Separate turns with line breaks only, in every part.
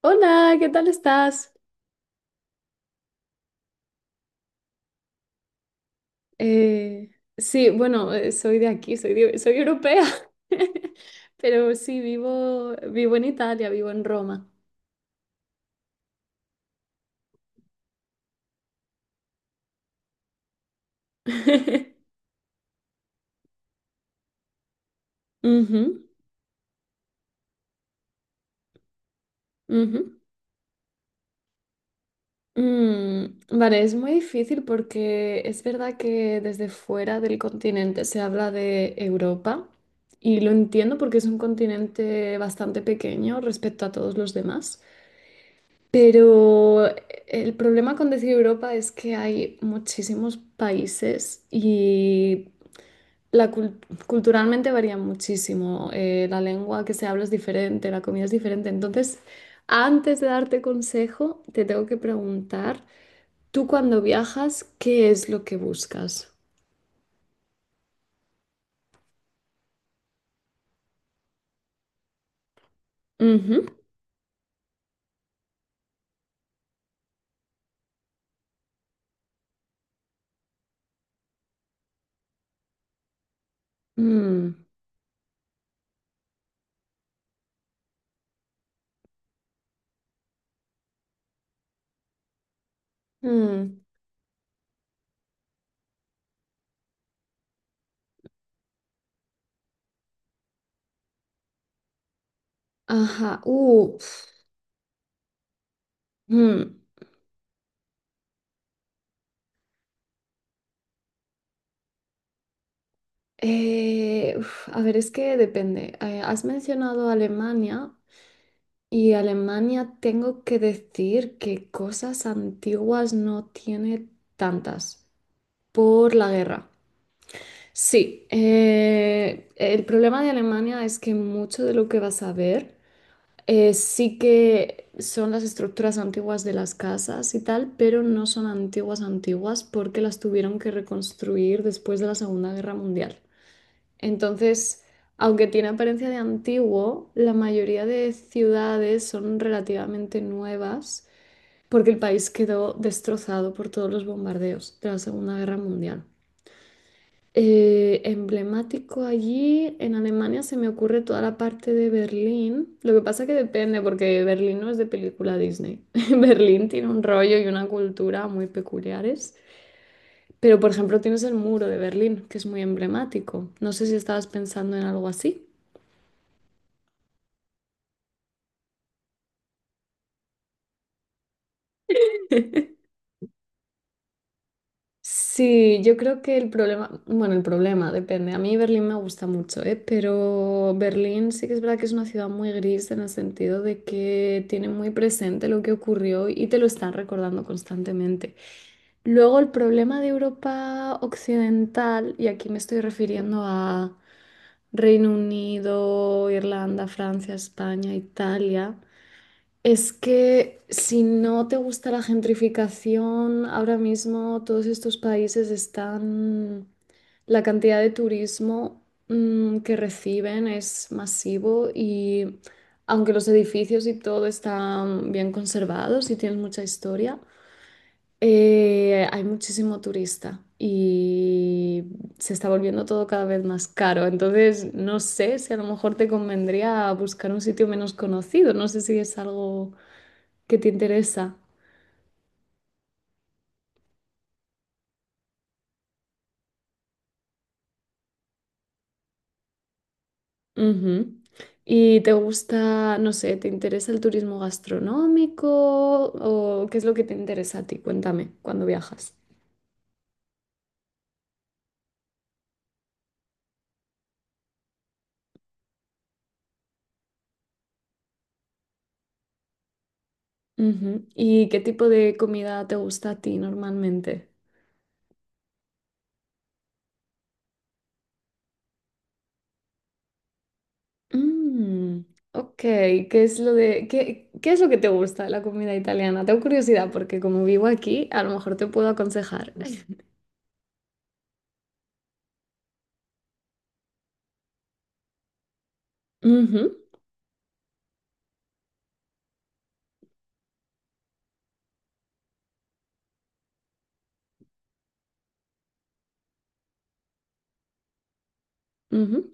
Hola, ¿qué tal estás? Eh, sí, bueno, soy de aquí, soy europea, pero sí, vivo en Italia, vivo en Roma. Ujú, ujú. Vale, es muy difícil porque es verdad que desde fuera del continente se habla de Europa y lo entiendo porque es un continente bastante pequeño respecto a todos los demás. Pero el problema con decir Europa es que hay muchísimos países y la cul- culturalmente varía muchísimo. La lengua que se habla es diferente, la comida es diferente. Entonces, antes de darte consejo, te tengo que preguntar, tú cuando viajas, ¿qué es lo que buscas? Ujú. Mm, mm, ajá. Mm. A ver, es que depende. Has mencionado Alemania. Y Alemania, tengo que decir que cosas antiguas no tiene tantas por la guerra. Sí, el problema de Alemania es que mucho de lo que vas a ver sí que son las estructuras antiguas de las casas y tal, pero no son antiguas antiguas porque las tuvieron que reconstruir después de la Segunda Guerra Mundial. Entonces, aunque tiene apariencia de antiguo, la mayoría de ciudades son relativamente nuevas porque el país quedó destrozado por todos los bombardeos de la Segunda Guerra Mundial. Emblemático allí en Alemania se me ocurre toda la parte de Berlín. Lo que pasa que depende porque Berlín no es de película Disney. Berlín tiene un rollo y una cultura muy peculiares. Pero por ejemplo tienes el muro de Berlín, que es muy emblemático. No sé si estabas pensando en algo así. Sí, yo creo que el problema, bueno, el problema depende. A mí Berlín me gusta mucho, ¿eh? Pero Berlín sí que es verdad que es una ciudad muy gris en el sentido de que tiene muy presente lo que ocurrió y te lo están recordando constantemente. Luego el problema de Europa Occidental, y aquí me estoy refiriendo a Reino Unido, Irlanda, Francia, España, Italia. Es que si no te gusta la gentrificación, ahora mismo todos estos países están… La cantidad de turismo que reciben es masivo y aunque los edificios y todo están bien conservados y tienen mucha historia, hay muchísimo turista y se está volviendo todo cada vez más caro. Entonces, no sé si a lo mejor te convendría buscar un sitio menos conocido. No sé si es algo que te interesa. Ujú. ¿Y te gusta, no sé, te interesa el turismo gastronómico o qué es lo que te interesa a ti? Cuéntame, cuando viajas. Ujú. ¿Y qué tipo de comida te gusta a ti normalmente? Mm, ok, ¿qué es lo de, qué es lo que te gusta de la comida italiana? Tengo curiosidad porque como vivo aquí, a lo mejor te puedo aconsejar. Ujú, ujú.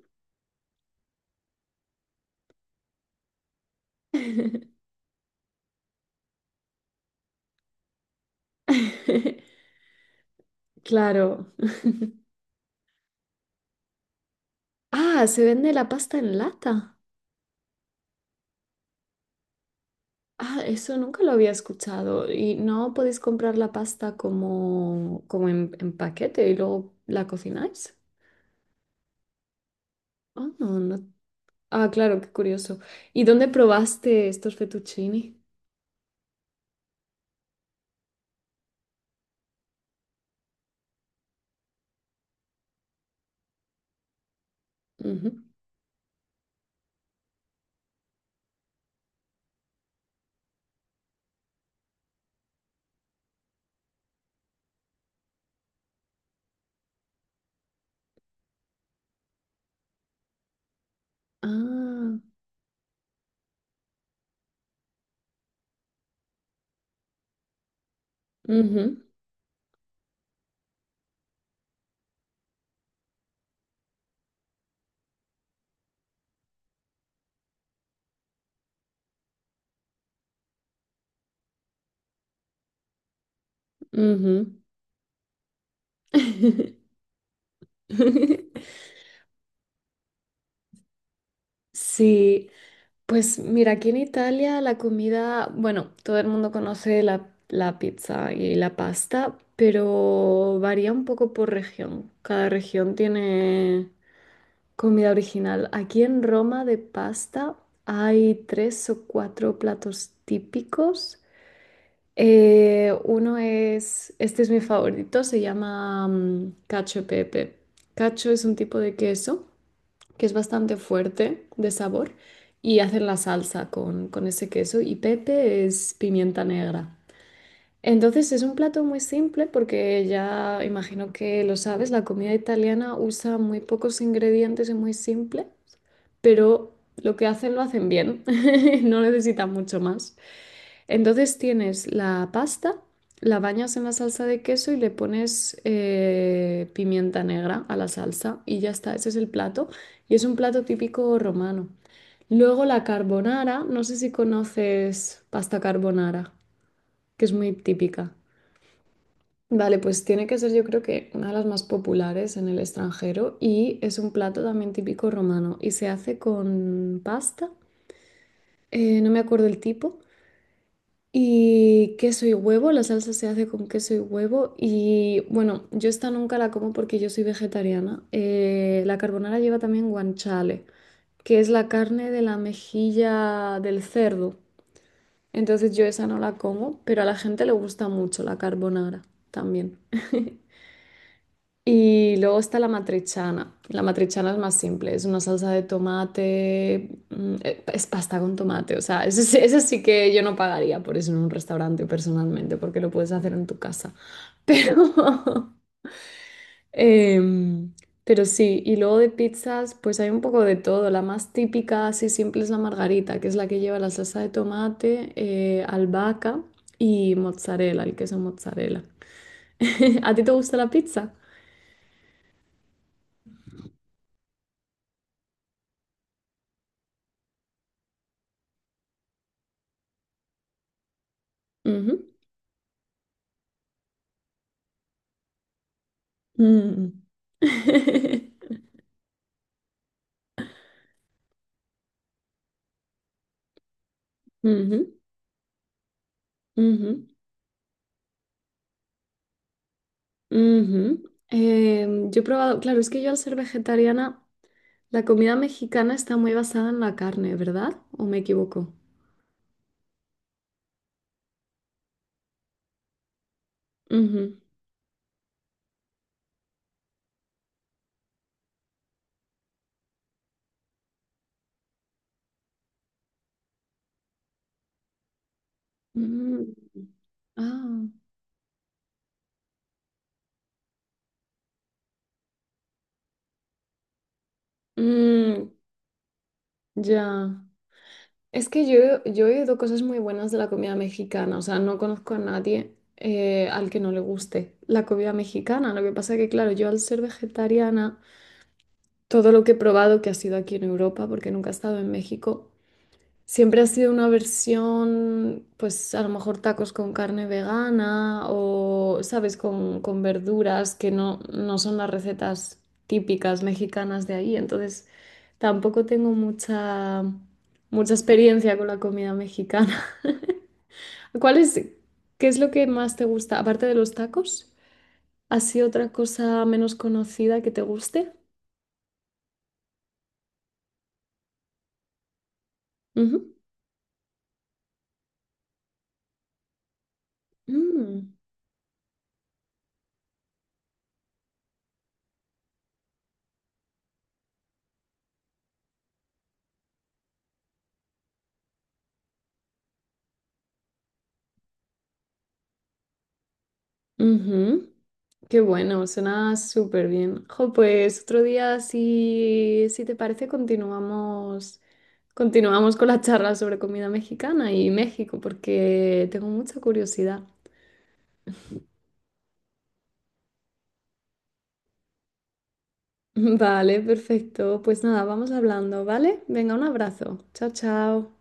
Claro. Ah, se vende la pasta en lata. Ah, eso nunca lo había escuchado. Y no podéis comprar la pasta como, como en paquete y luego la cocináis. Ah, no, no. Ah, claro, qué curioso. ¿Y dónde probaste estos fettuccini? Ujú. Ah, ujú, ujú. Sí, pues mira, aquí en Italia la comida, bueno, todo el mundo conoce la pizza y la pasta, pero varía un poco por región. Cada región tiene comida original. Aquí en Roma de pasta hay tres o cuatro platos típicos. Uno es, este es mi favorito, se llama cacio e pepe. Cacio es un tipo de queso que es bastante fuerte de sabor y hacen la salsa con ese queso y pepe es pimienta negra. Entonces es un plato muy simple porque ya imagino que lo sabes, la comida italiana usa muy pocos ingredientes y muy simple, pero lo que hacen lo hacen bien, no necesitan mucho más. Entonces tienes la pasta, la bañas en la salsa de queso y le pones pimienta negra a la salsa y ya está, ese es el plato y es un plato típico romano. Luego la carbonara, no sé si conoces pasta carbonara, que es muy típica. Vale, pues tiene que ser yo creo que una de las más populares en el extranjero y es un plato también típico romano y se hace con pasta, no me acuerdo el tipo, y queso y huevo, la salsa se hace con queso y huevo y bueno, yo esta nunca la como porque yo soy vegetariana. La carbonara lleva también guanciale, que es la carne de la mejilla del cerdo, entonces yo esa no la como, pero a la gente le gusta mucho la carbonara también. Y luego está la matriciana. La matriciana es más simple, es una salsa de tomate, es pasta con tomate, o sea, eso sí que yo no pagaría por eso en un restaurante personalmente, porque lo puedes hacer en tu casa. Pero em, pero sí, y luego de pizzas, pues hay un poco de todo. La más típica, así simple, es la margarita, que es la que lleva la salsa de tomate, albahaca y mozzarella, el queso mozzarella. ¿A ti te gusta la pizza? Mm. Ujú, ujú, ujú. Yo he probado, claro, es que yo al ser vegetariana, la comida mexicana está muy basada en la carne, ¿verdad? ¿O me equivoco? Ujú. Mm, ah. Mm, ya. Es que yo he oído cosas muy buenas de la comida mexicana, o sea, no conozco a nadie al que no le guste la comida mexicana. Lo que pasa que, claro, yo al ser vegetariana… Todo lo que he probado que ha sido aquí en Europa, porque nunca he estado en México, siempre ha sido una versión, pues a lo mejor tacos con carne vegana o, ¿sabes?, con verduras que no, no son las recetas típicas mexicanas de ahí. Entonces, tampoco tengo mucha, mucha experiencia con la comida mexicana. ¿Cuál es, qué es lo que más te gusta? Aparte de los tacos, ¿así otra cosa menos conocida que te guste? Ujú. Mm. Ujú. Qué bueno, suena súper bien. Jo, pues otro día, si, si te parece, continuamos, continuamos con la charla sobre comida mexicana y México, porque tengo mucha curiosidad. Vale, perfecto. Pues nada, vamos hablando, ¿vale? Venga, un abrazo. Chao, chao.